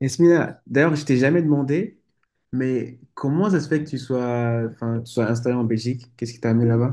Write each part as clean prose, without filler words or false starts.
Esmina, d'ailleurs, je t'ai jamais demandé, mais comment ça se fait que enfin, tu sois installé en Belgique? Qu'est-ce qui t'a amené là-bas?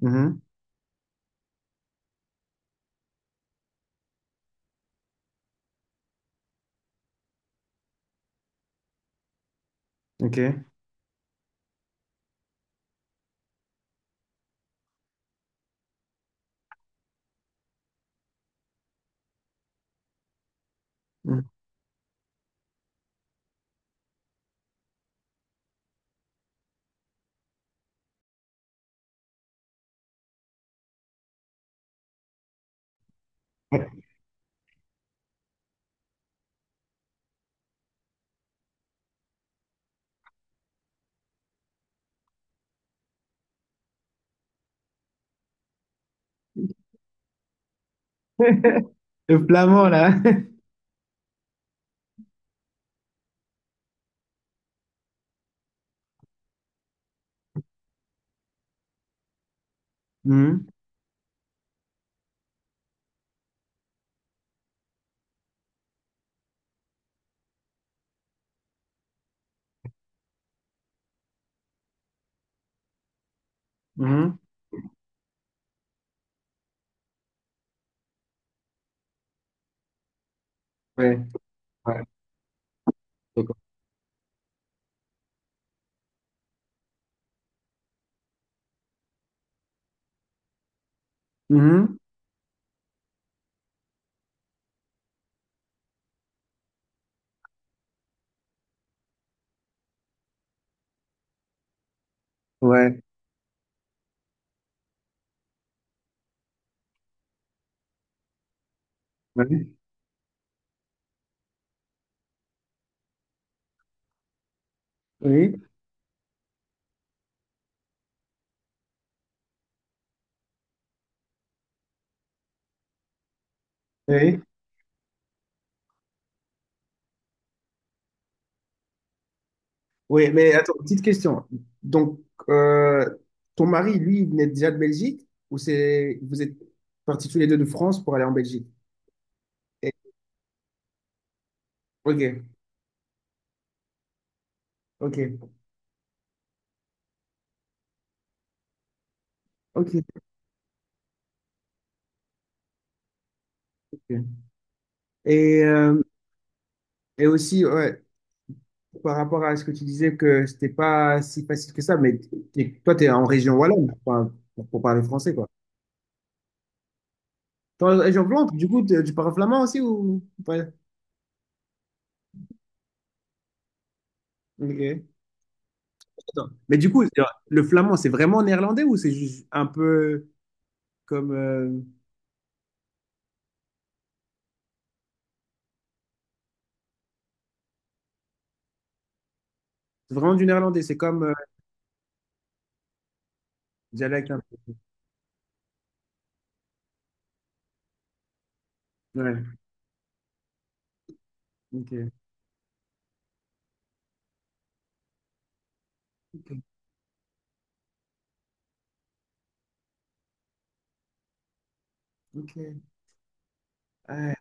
Mhm. Ok. Mhm. Ouais. Le flamand, là. Mhm, mhm. Ouais. Ouais. D'accord. Mhm. Ouais. Ouais. Oui. Oui. Oui, mais attends, petite question. Donc, euh, ton mari, lui, il venait déjà de Belgique ou c'est vous êtes partis tous les deux de France pour aller en Belgique? Et- Ok. Ok. Ok. Ok. Et, euh, et aussi, ouais, par rapport à ce que tu disais que c'était pas si facile que ça, mais toi, tu es en région wallonne enfin, pour parler français, quoi. T'es en région flamande, du coup, tu parles flamand aussi ou pas? Ok. Attends. Mais du coup, le flamand, c'est vraiment néerlandais ou c'est juste un peu comme, c'est vraiment du néerlandais, c'est comme, dialecte un peu. Ouais, ok. Ok. Ok. Ouais.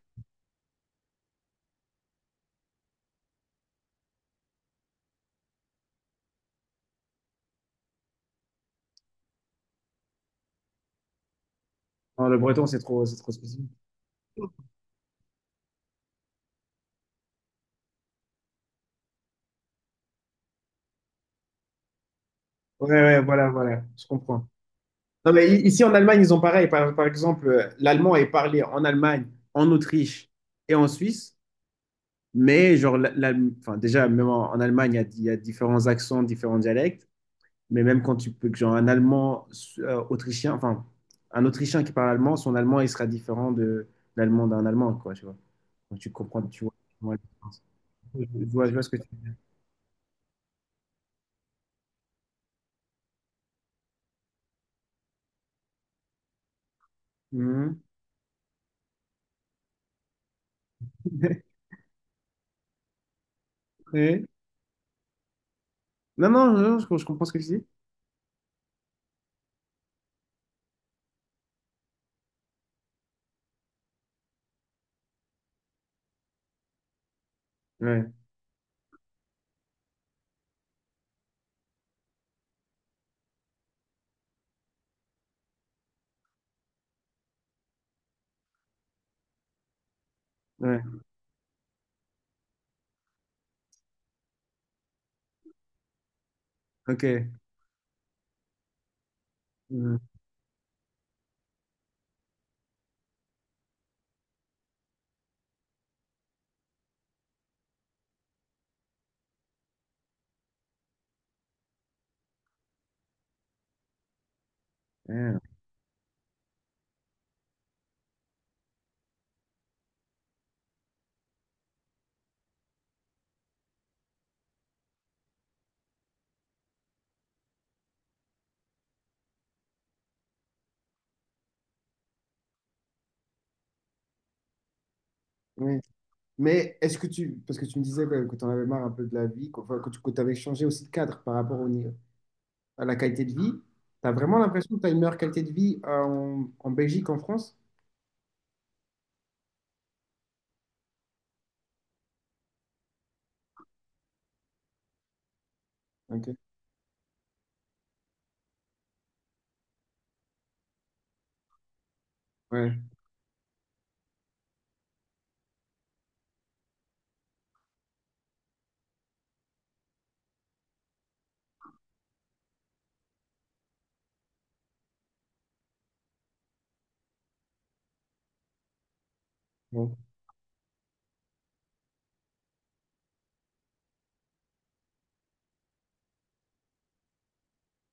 Non, le breton, c'est trop spécifique. Ouais, ouais, voilà, voilà, je comprends. Non, mais ici en Allemagne, ils ont pareil. Par exemple, l'allemand est parlé en Allemagne, en Autriche et en Suisse. Mais genre, enfin, déjà, même en Allemagne, il y a différents accents, différents dialectes. Mais même quand tu peux, que, genre, un allemand autrichien, enfin, un autrichien qui parle allemand, son allemand, il sera différent de l'allemand d'un allemand, quoi, tu vois. Donc, tu comprends, tu vois la différence. Je vois, je vois ce que tu Mhm. Ouais. Non, non, non, je comprends ce que tu dis. Ouais, ouais, ok. Mhm. Ouais. Oui. Mais est-ce que tu, parce que tu me disais quand même que tu en avais marre un peu de la vie, qu'enfin, que tu avais changé aussi de cadre par rapport au, ni- à la qualité de vie, tu as vraiment l'impression que tu as une meilleure qualité de vie en, en Belgique qu'en France? Ok, ouais, bon,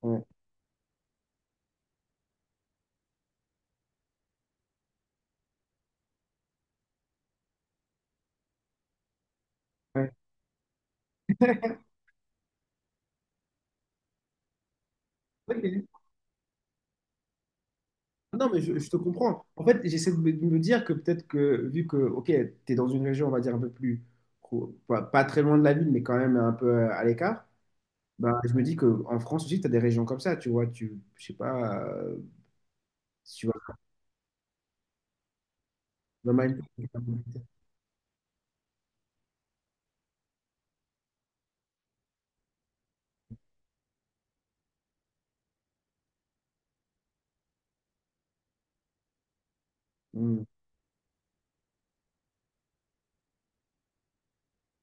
ouais, ouais. Ok. Non, mais je te comprends. En fait, j'essaie de me dire que peut-être que, vu que, ok, tu es dans une région, on va dire, un peu plus, pas très loin de la ville, mais quand même un peu à l'écart, bah, je me dis qu'en France aussi, tu as des régions comme ça, tu vois, tu, je sais pas, si tu vas dans ma- Hmm.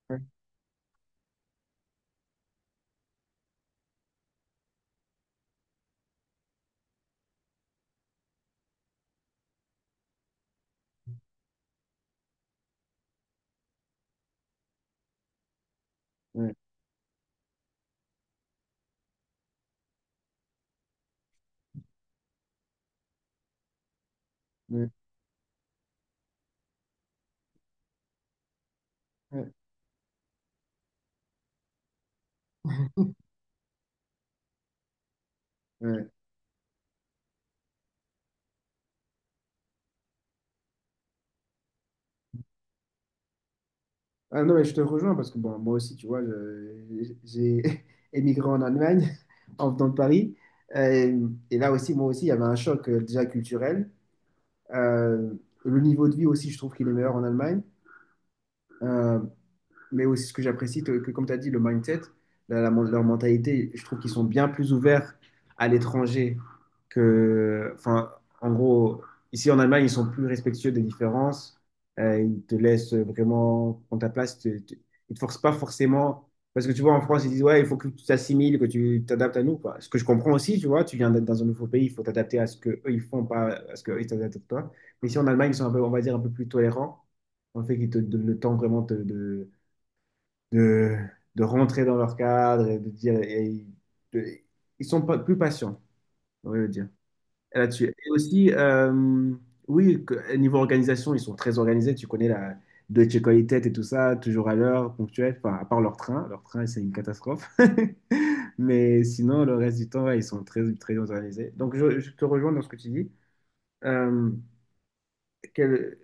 Ouais, ouais, ouais, ouais, ouais. Ah non, mais je te rejoins parce que bon, moi aussi, tu vois, j'ai émigré en Allemagne en venant de Paris. Et là aussi, moi aussi, il y avait un choc déjà culturel. Euh, le niveau de vie aussi, je trouve qu'il est meilleur en Allemagne. Euh, mais aussi ce que j'apprécie, que comme tu as dit, le mindset, leur mentalité, je trouve qu'ils sont bien plus ouverts à l'étranger que, enfin, en gros, ici en Allemagne, ils sont plus respectueux des différences. Ils te laissent vraiment prendre ta place. Ils te forcent pas forcément. Parce que tu vois, en France, ils disent, ouais, il faut que tu t'assimiles, que tu t'adaptes à nous, quoi. Ce que je comprends aussi, tu vois, tu viens d'être dans un nouveau pays, il faut t'adapter à ce que eux ils font, pas à ce que eux, ils t'adaptent à toi. Mais ici en Allemagne, ils sont un peu, on va dire, un peu plus tolérants. En fait, qu'ils te donnent le temps vraiment de, de rentrer dans leur cadre et de dire. De- ils sont pas, plus patients, on va le dire, là-dessus. Et aussi, oui, niveau organisation, ils sont très organisés. Tu connais la Deutsche Qualität et tout ça, toujours à l'heure, ponctuel, enfin, à part leur train. Leur train, c'est une catastrophe. Mais sinon, le reste du temps, ouais, ils sont très, très organisés. Donc, je te rejoins dans ce que tu dis. Euh, quel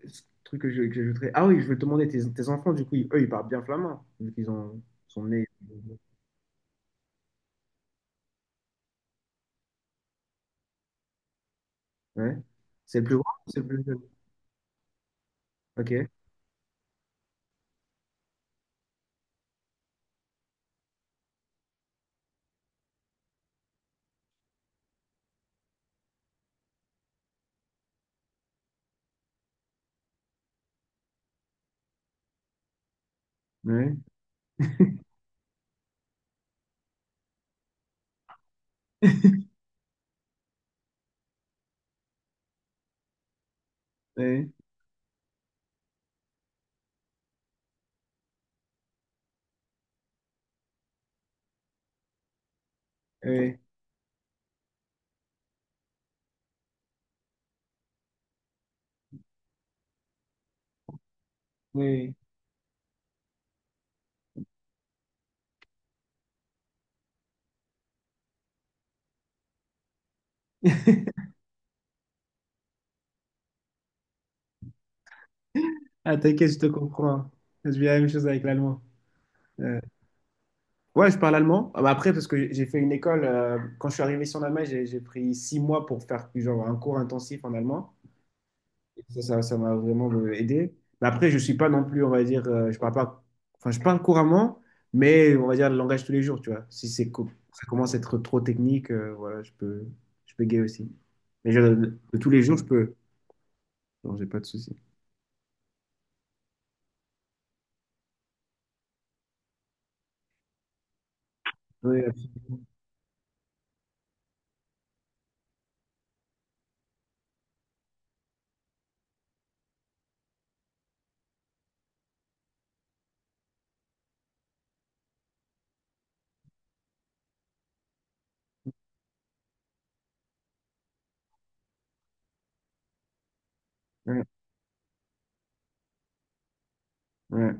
truc que que j'ajouterais? Ah oui, je veux te demander, tes enfants, du coup, eux, ils parlent bien flamand, vu qu'ils sont nés. Ouais. C'est le plus grand ou c'est le plus jeune? Ok. Ouais. Oui, oui, oui. Ah, t'inquiète, je te comprends. Je vis la même chose avec l'allemand. Euh, ouais, je parle allemand. Ah bah après, parce que j'ai fait une école, quand je suis arrivé ici en Allemagne, j'ai pris 6 mois pour faire genre, un cours intensif en allemand. Ça m'a vraiment aidé. Mais après, je suis pas non plus, on va dire, je parle pas, enfin, je parle couramment, mais on va dire le langage tous les jours, tu vois. Si ça commence à être trop technique, voilà, je peux gay aussi. Mais de tous les jours, je peux. Non, j'ai pas de souci. Ouais, ouais, ouais.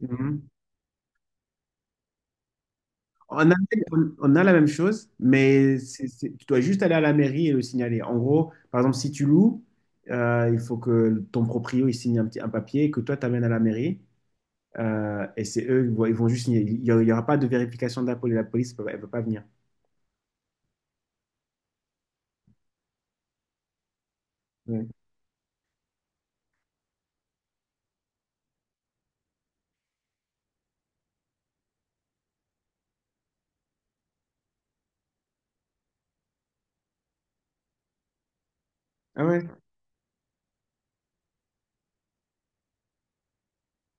Mhm. En Allemagne, on a la même chose, mais tu dois juste aller à la mairie et le signaler. En gros, par exemple, si tu loues, il faut que ton proprio il signe un petit, un papier que toi, tu amènes à la mairie. Et c'est eux, ils vont juste signer. Il n'y aura pas de vérification de la police. La police, elle ne peut pas venir. Ouais. Ah ouais?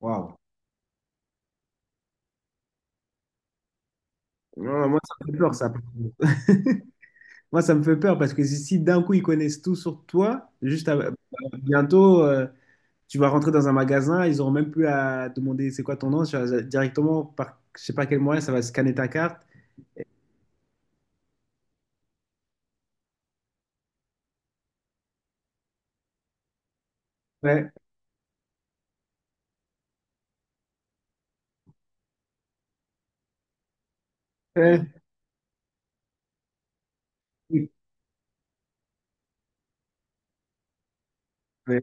Waouh. Non, moi, ça me fait peur, ça. Moi, ça me fait peur parce que si d'un coup, ils connaissent tout sur toi, bientôt, tu vas rentrer dans un magasin, ils auront même plus à demander c'est quoi ton nom, ça va directement, par je sais pas quel moyen, ça va scanner ta carte. Ouais, ouais, oui, ouais.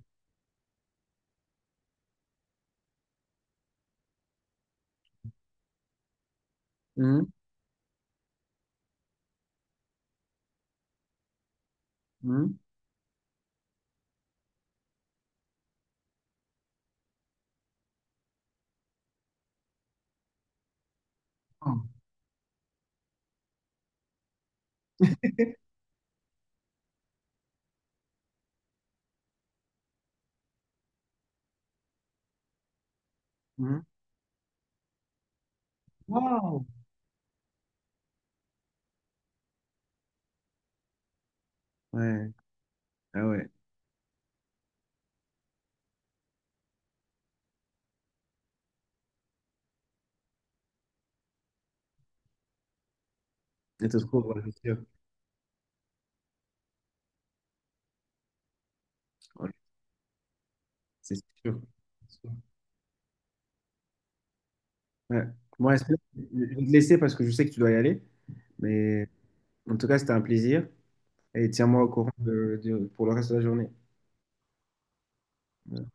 Mhm, mhm, mhm. Waouh. Ouais, ah ouais. Et te trouves, ouais, c'est sûr. Ouais, c'est sûr. Ouais. Bon, Yasmine, je vais te laisser parce que je sais que tu dois y aller. Mais en tout cas, c'était un plaisir. Et tiens-moi au courant pour le reste de la journée. Ouais.